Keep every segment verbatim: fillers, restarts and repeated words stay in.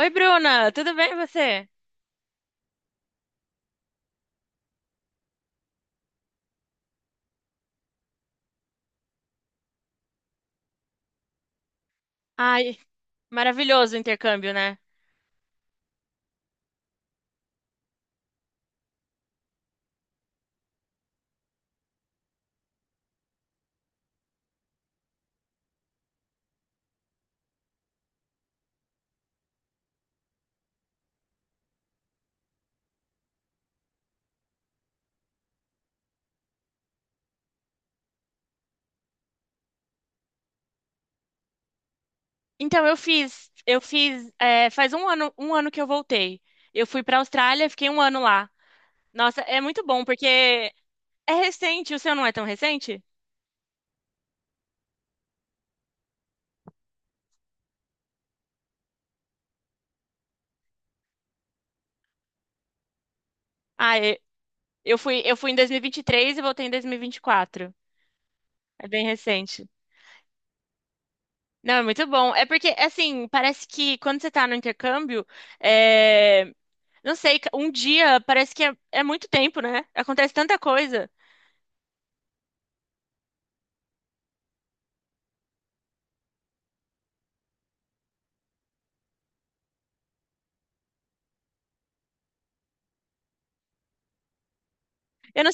Oi, Bruna, tudo bem e você? Ai, maravilhoso o intercâmbio, né? Então eu fiz, eu fiz, é, faz um ano, um ano que eu voltei. Eu fui pra Austrália, fiquei um ano lá. Nossa, é muito bom porque é recente, o seu não é tão recente? Ah, e- eu fui, eu fui em dois mil e vinte e três e vinte e três e voltei em dois mil e vinte e quatro. É bem recente. Não, é muito bom. É porque, assim, parece que quando você tá no intercâmbio, é, não sei, um dia parece que é é muito tempo, né? Acontece tanta coisa. Eu não,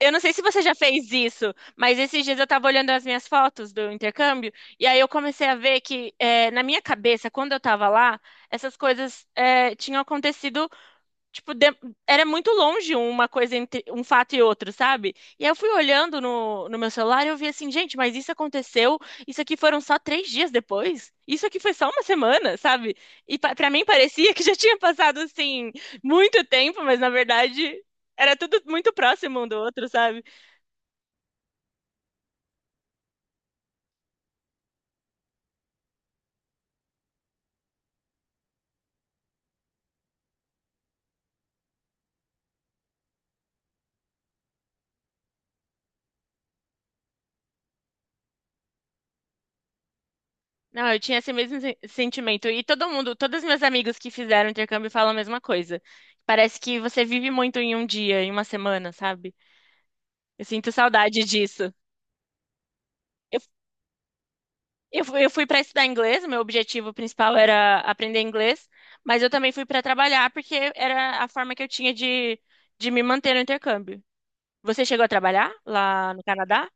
eu não sei se você já fez isso, mas esses dias eu tava olhando as minhas fotos do intercâmbio e aí eu comecei a ver que eh, na minha cabeça, quando eu tava lá, essas coisas eh, tinham acontecido. Tipo, de- era muito longe uma coisa entre um fato e outro, sabe? E aí eu fui olhando no, no meu celular e eu vi assim, gente, mas isso aconteceu, isso aqui foram só três dias depois, isso aqui foi só uma semana, sabe? E pa pra mim parecia que já tinha passado, assim, muito tempo, mas na verdade era tudo muito próximo um do outro, sabe? Não, eu tinha esse mesmo sen- sentimento. E todo mundo, todos os meus amigos que fizeram intercâmbio falam a mesma coisa. Parece que você vive muito em um dia, em uma semana, sabe? Eu sinto saudade disso. Eu, fu- eu fui para estudar inglês, meu objetivo principal era aprender inglês, mas eu também fui para trabalhar porque era a forma que eu tinha de, de me manter no intercâmbio. Você chegou a trabalhar lá no Canadá?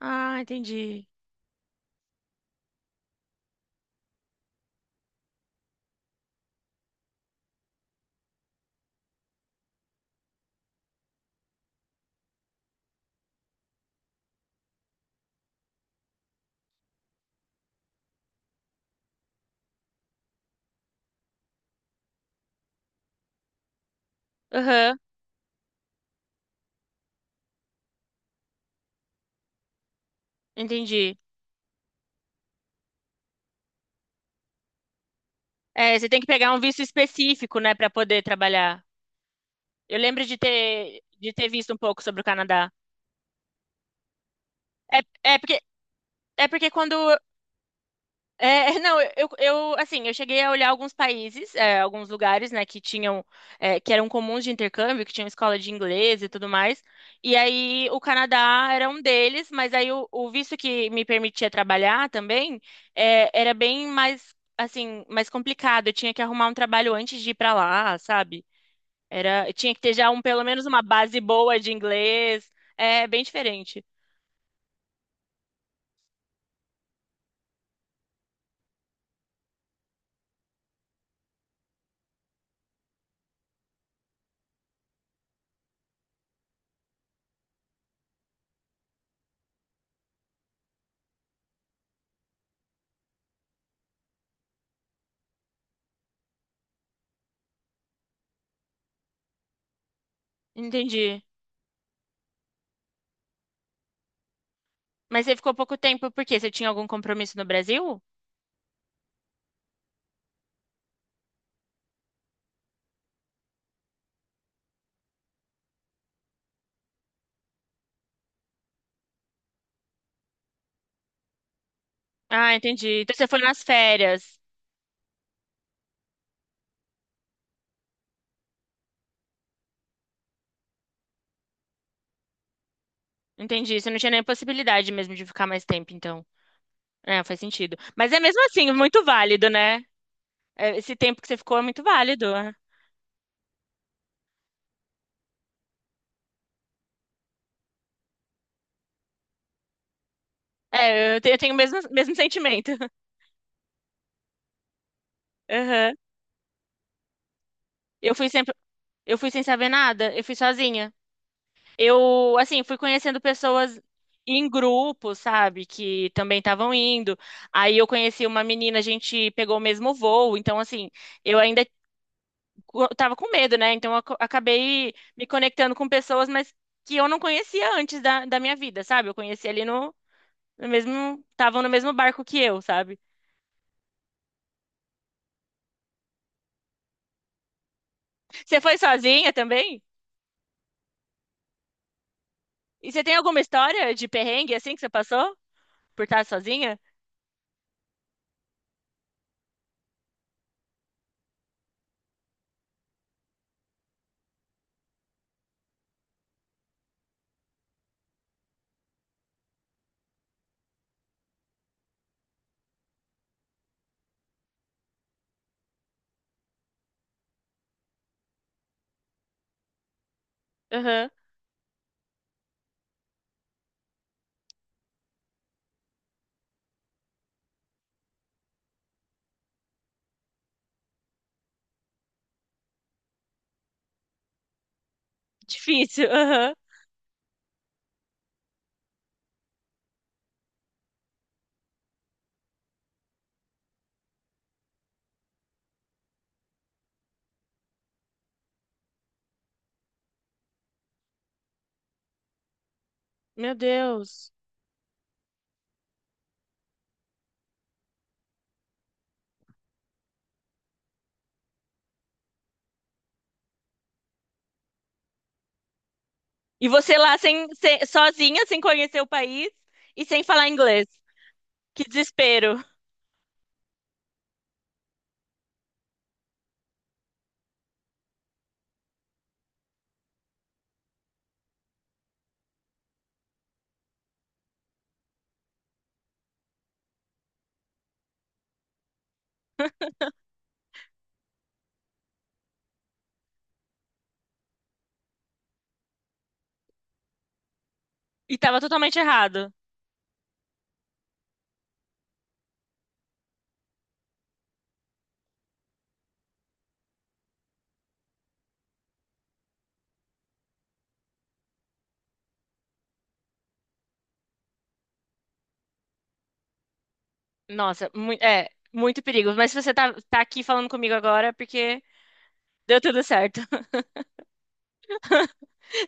Ah, entendi. Aham, entendi. É, você tem que pegar um visto específico, né, para poder trabalhar. Eu lembro de ter, de ter visto um pouco sobre o Canadá. É, é porque, é porque quando É, é, não, eu, eu, assim, eu cheguei a olhar alguns países, é, alguns lugares, né, que tinham, é, que eram comuns de intercâmbio, que tinham escola de inglês e tudo mais. E aí o Canadá era um deles, mas aí o, o visto que me permitia trabalhar também, é, era bem mais, assim, mais complicado. Eu tinha que arrumar um trabalho antes de ir para lá, sabe? Era, eu tinha que ter já um, pelo menos uma base boa de inglês. É bem diferente. Entendi. Mas você ficou pouco tempo, por quê? Você tinha algum compromisso no Brasil? Ah, entendi. Então você foi nas férias. Entendi. Você não tinha nem possibilidade mesmo de ficar mais tempo, então. É, faz sentido. Mas é mesmo assim, muito válido, né? É, esse tempo que você ficou é muito válido, né? É, eu te- eu tenho o mesmo, mesmo sentimento. Aham. Eu fui sempre, eu fui sem saber nada, eu fui sozinha. Eu, assim, fui conhecendo pessoas em grupo, sabe, que também estavam indo. Aí eu conheci uma menina, a gente pegou o mesmo voo, então assim, eu ainda eu tava com medo, né? Então eu ac- acabei me conectando com pessoas, mas que eu não conhecia antes da, da minha vida, sabe? Eu conheci ali no, no mesmo, estavam no mesmo barco que eu, sabe? Você foi sozinha também? E você tem alguma história de perrengue assim que você passou por estar sozinha? Aham. Difícil. Aham. Meu Deus. E você lá sem, sem- sozinha, sem conhecer o país e sem falar inglês. Que desespero. E tava totalmente errado. Nossa, mui- é, muito perigo. Mas se você tá, tá aqui falando comigo agora, é porque deu tudo certo.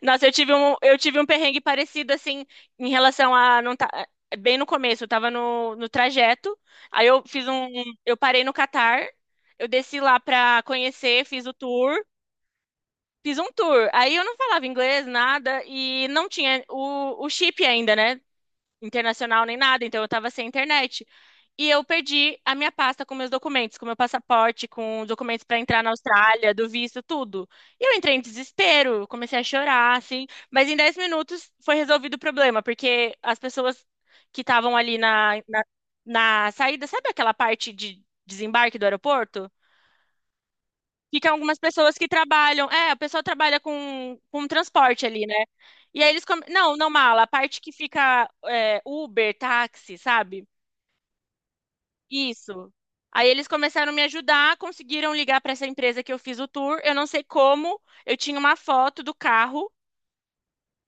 Nossa, eu tive um, eu tive um perrengue parecido, assim, em relação a não tá, é, bem no começo, eu tava no, no trajeto, aí eu fiz um, eu parei no Catar, eu desci lá pra conhecer, fiz o tour, fiz um tour. Aí eu não falava inglês, nada, e não tinha o, o chip ainda, né? Internacional nem nada, então eu tava sem internet. E eu perdi a minha pasta com meus documentos, com meu passaporte, com os documentos para entrar na Austrália, do visto, tudo. E eu entrei em desespero, eu comecei a chorar, assim. Mas em dez minutos foi resolvido o problema, porque as pessoas que estavam ali na, na, na saída, sabe aquela parte de desembarque do aeroporto? Ficam algumas pessoas que trabalham. É, a pessoa trabalha com, com transporte ali, né? E aí eles, come- não, não mala. A parte que fica é, Uber, táxi, sabe? Isso. Aí eles começaram a me ajudar, conseguiram ligar para essa empresa que eu fiz o tour. Eu não sei como, eu tinha uma foto do carro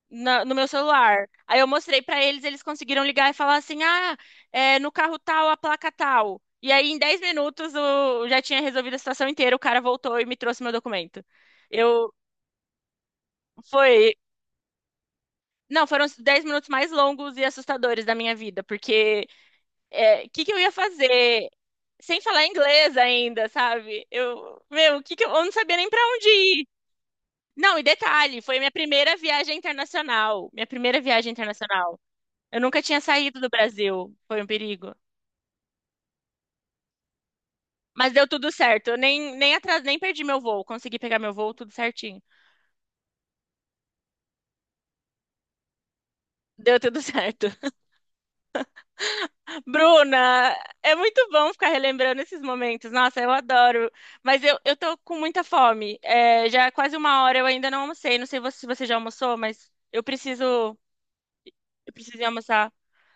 na- no meu celular. Aí eu mostrei para eles, eles conseguiram ligar e falar assim: ah, é, no carro tal, a placa tal. E aí em dez minutos eu já tinha resolvido a situação inteira, o cara voltou e me trouxe meu documento. Eu, Foi. Não, foram os dez minutos mais longos e assustadores da minha vida, porque é, o que que eu ia fazer sem falar inglês ainda, sabe? Eu, meu, o que que eu, eu não sabia nem pra onde ir. Não, e detalhe, foi minha primeira viagem internacional, minha primeira viagem internacional. Eu nunca tinha saído do Brasil, foi um perigo. Mas deu tudo certo, eu nem nem atrás, nem perdi meu voo, consegui pegar meu voo tudo certinho. Deu tudo certo. Bruna, é muito bom ficar relembrando esses momentos. Nossa, eu adoro. Mas eu, eu tô com muita fome. É, já é quase uma hora, eu ainda não almocei. Não sei vo- se você já almoçou, mas eu preciso, eu preciso ir almoçar.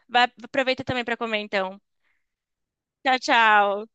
Vai, aproveita também para comer, então. Tchau, tchau.